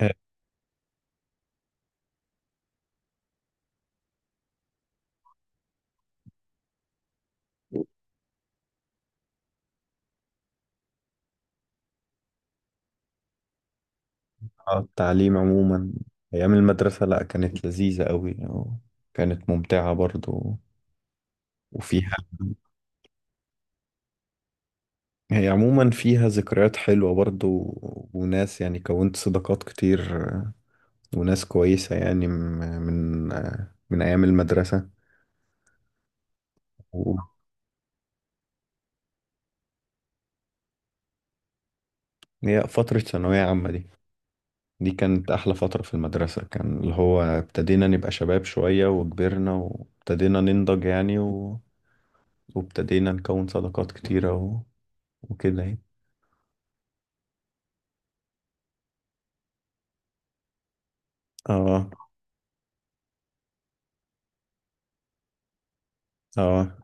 آه، آه، التعليم عموما. أيام المدرسة لأ كانت لذيذة أوي، وكانت ممتعة برضو. وفيها هي عموما فيها ذكريات حلوة برضو، وناس يعني كونت صداقات كتير وناس كويسة يعني من أيام المدرسة. وهي فترة ثانوية عامة دي كانت أحلى فترة في المدرسة، كان اللي هو ابتدينا نبقى شباب شوية، وكبرنا وابتدينا ننضج يعني، وابتدينا نكون صداقات كتيرة، وكده يعني. اه، اه،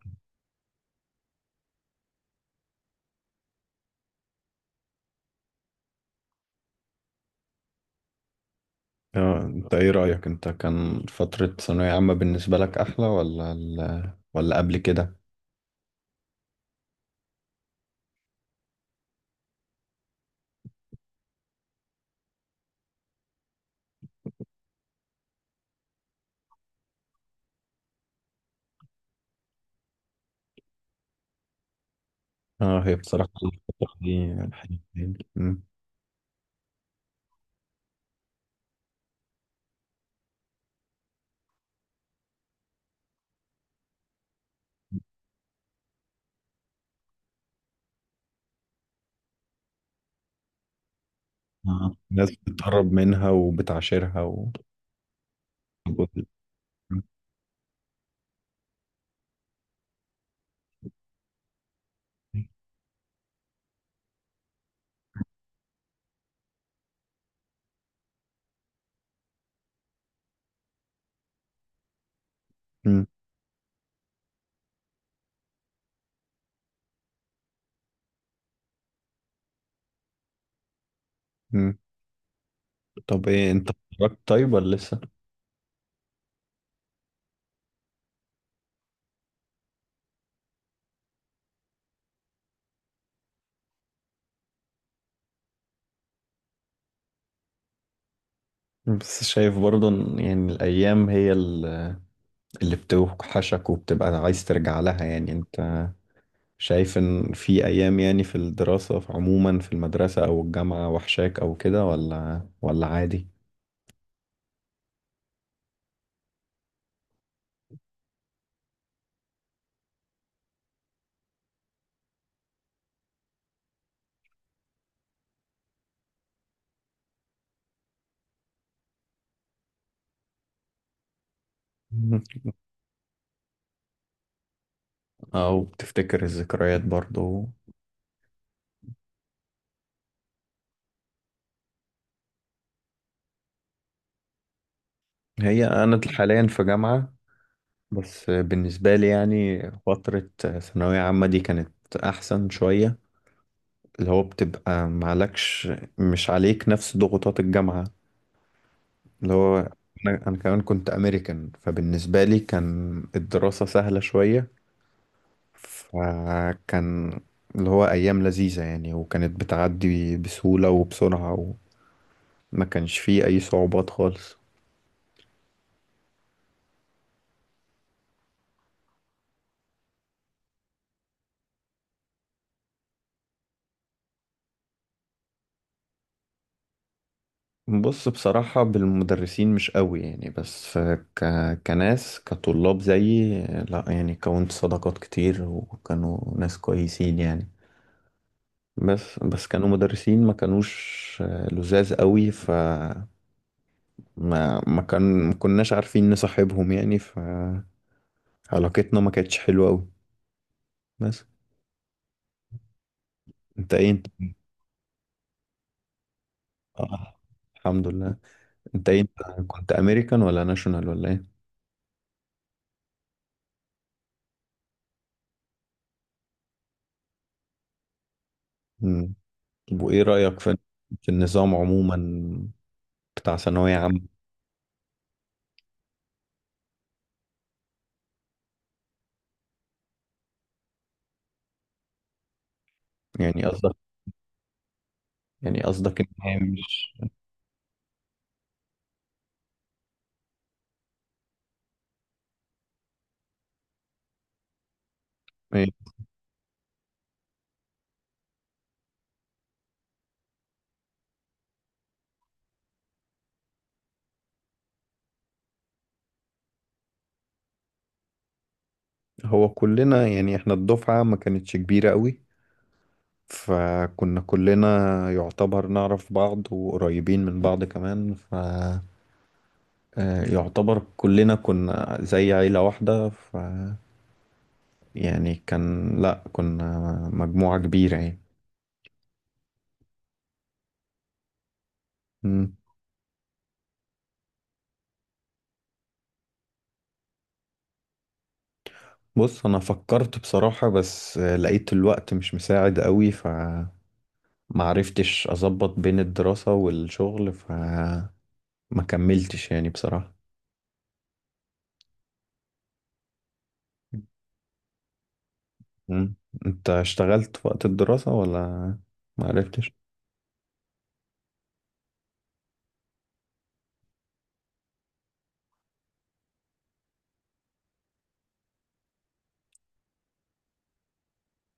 اه، انت ايه رأيك انت، كان فترة ثانوية عامة بالنسبة لك احلى، ولا ولا قبل كده؟ اه، هي بصراحة الفترة دي الحقيقة يعني، مم. آه. ناس بتقرب منها وبتعاشرها مم. مم. طب، ايه انت اتخرجت طيب ولا لسه؟ بس شايف برضه إن يعني الايام هي اللي بتوحشك، وبتبقى عايز ترجع لها، يعني انت شايف ان في ايام يعني في الدراسة في عموما في المدرسة او الجامعة، وحشاك او كده، ولا عادي؟ مم. او بتفتكر الذكريات برضو. هي انا حاليا في جامعة، بس بالنسبة لي يعني فترة ثانوية عامة دي كانت احسن شوية، اللي هو بتبقى معلكش، مش عليك نفس ضغوطات الجامعة، اللي هو أنا كمان كنت امريكان، فبالنسبة لي كان الدراسة سهلة شوية، فكان اللي هو أيام لذيذة يعني، وكانت بتعدي بسهولة وبسرعة، وما كانش فيه أي صعوبات خالص. بص بصراحة بالمدرسين مش قوي يعني، بس ك... كناس كطلاب زيي لا يعني كونت صداقات كتير، وكانوا ناس كويسين يعني. بس كانوا مدرسين ما كانوش لزاز قوي، ف ما ما كان ما كناش عارفين نصاحبهم يعني، فعلاقتنا ما كانتش حلوة قوي بس. انت ايه انت آه. الحمد لله انت ايه انت كنت امريكان ولا ناشونال ولا ايه؟ مم. طب، وايه رأيك في النظام عموما بتاع ثانوية عامة؟ يعني قصدك، ان هي مش... إيه؟ هو كلنا يعني احنا الدفعة ما كانتش كبيرة قوي، فكنا كلنا يعتبر نعرف بعض وقريبين من بعض كمان، ف آه، يعتبر كلنا كنا زي عيلة واحدة، ف يعني كان لا كنا مجموعة كبيرة يعني. بص انا فكرت بصراحة، بس لقيت الوقت مش مساعد قوي، فمعرفتش اظبط بين الدراسة والشغل، فما كملتش يعني بصراحة. مم. انت اشتغلت في وقت الدراسة ولا؟ معرفتش.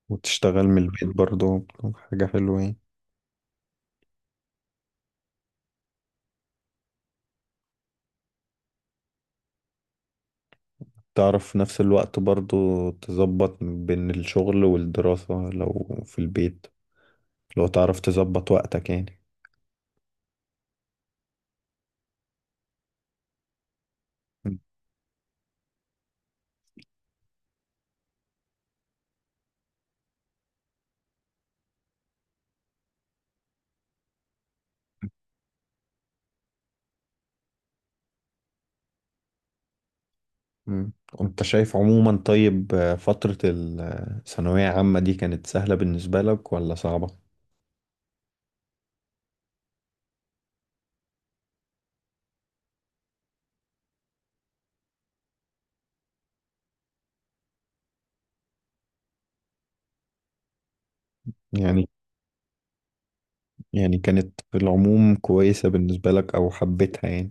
وتشتغل من البيت برضو، حاجة حلوة يعني، تعرف في نفس الوقت برضو تظبط بين الشغل والدراسة، لو في البيت لو تعرف تظبط وقتك يعني. مم. وانت شايف عموما طيب، فترة الثانوية عامة دي كانت سهلة بالنسبة لك ولا صعبة؟ يعني يعني كانت في العموم كويسة بالنسبة لك أو حبيتها يعني.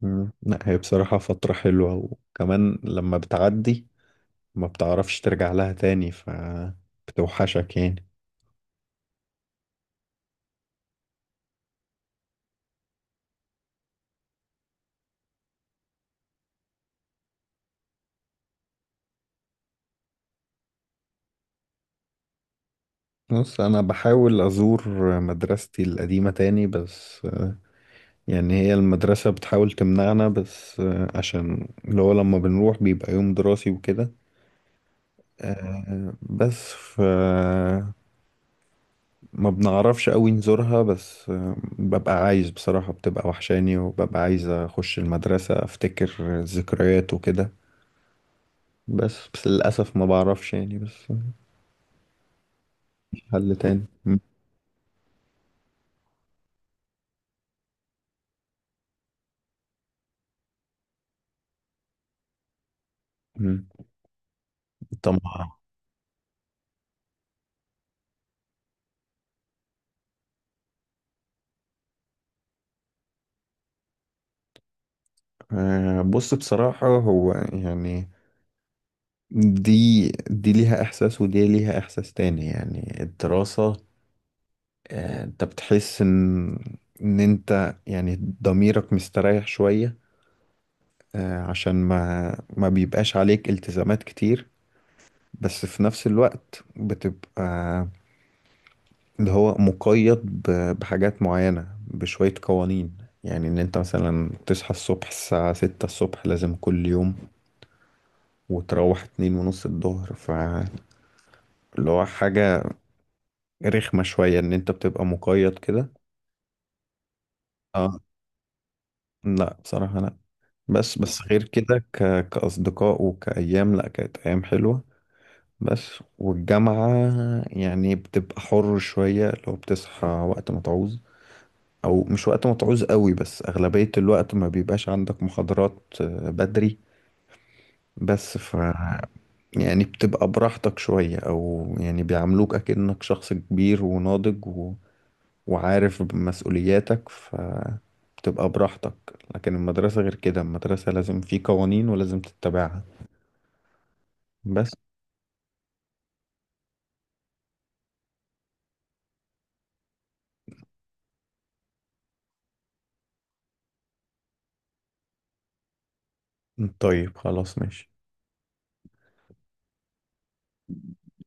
مم. لا هي بصراحة فترة حلوة، وكمان لما بتعدي ما بتعرفش ترجع لها تاني فبتوحشك يعني. بص أنا بحاول أزور مدرستي القديمة تاني بس يعني هي المدرسة بتحاول تمنعنا بس عشان اللي هو لما بنروح بيبقى يوم دراسي وكده بس ف ما بنعرفش قوي نزورها بس ببقى عايز بصراحة، بتبقى وحشاني، وببقى عايز أخش المدرسة أفتكر الذكريات وكده، بس للأسف ما بعرفش يعني بس. مش حل تاني م. طبعا. بص بصراحة هو يعني، دي ليها إحساس ودي ليها إحساس تاني يعني الدراسة، أنت بتحس إن أنت يعني ضميرك مستريح شوية، عشان ما بيبقاش عليك التزامات كتير، بس في نفس الوقت بتبقى اللي هو مقيد، بحاجات معينة بشوية قوانين، يعني ان انت مثلا تصحى الصبح الساعة 6 الصبح لازم كل يوم، وتروح 2:30 الظهر، فاللي هو حاجة رخمة شوية ان انت بتبقى مقيد كده. اه، لا بصراحة لا، بس غير كده كأصدقاء وكأيام لا كانت أيام حلوة بس. والجامعة يعني بتبقى حر شوية، لو بتصحى وقت ما تعوز أو مش وقت ما تعوز قوي، بس أغلبية الوقت ما بيبقاش عندك محاضرات بدري بس يعني بتبقى براحتك شوية، أو يعني بيعاملوك أكنك شخص كبير وناضج، و... وعارف مسؤولياتك، ف بتبقى براحتك. لكن المدرسة غير كده، المدرسة لازم في قوانين ولازم تتبعها بس. طيب خلاص ماشي.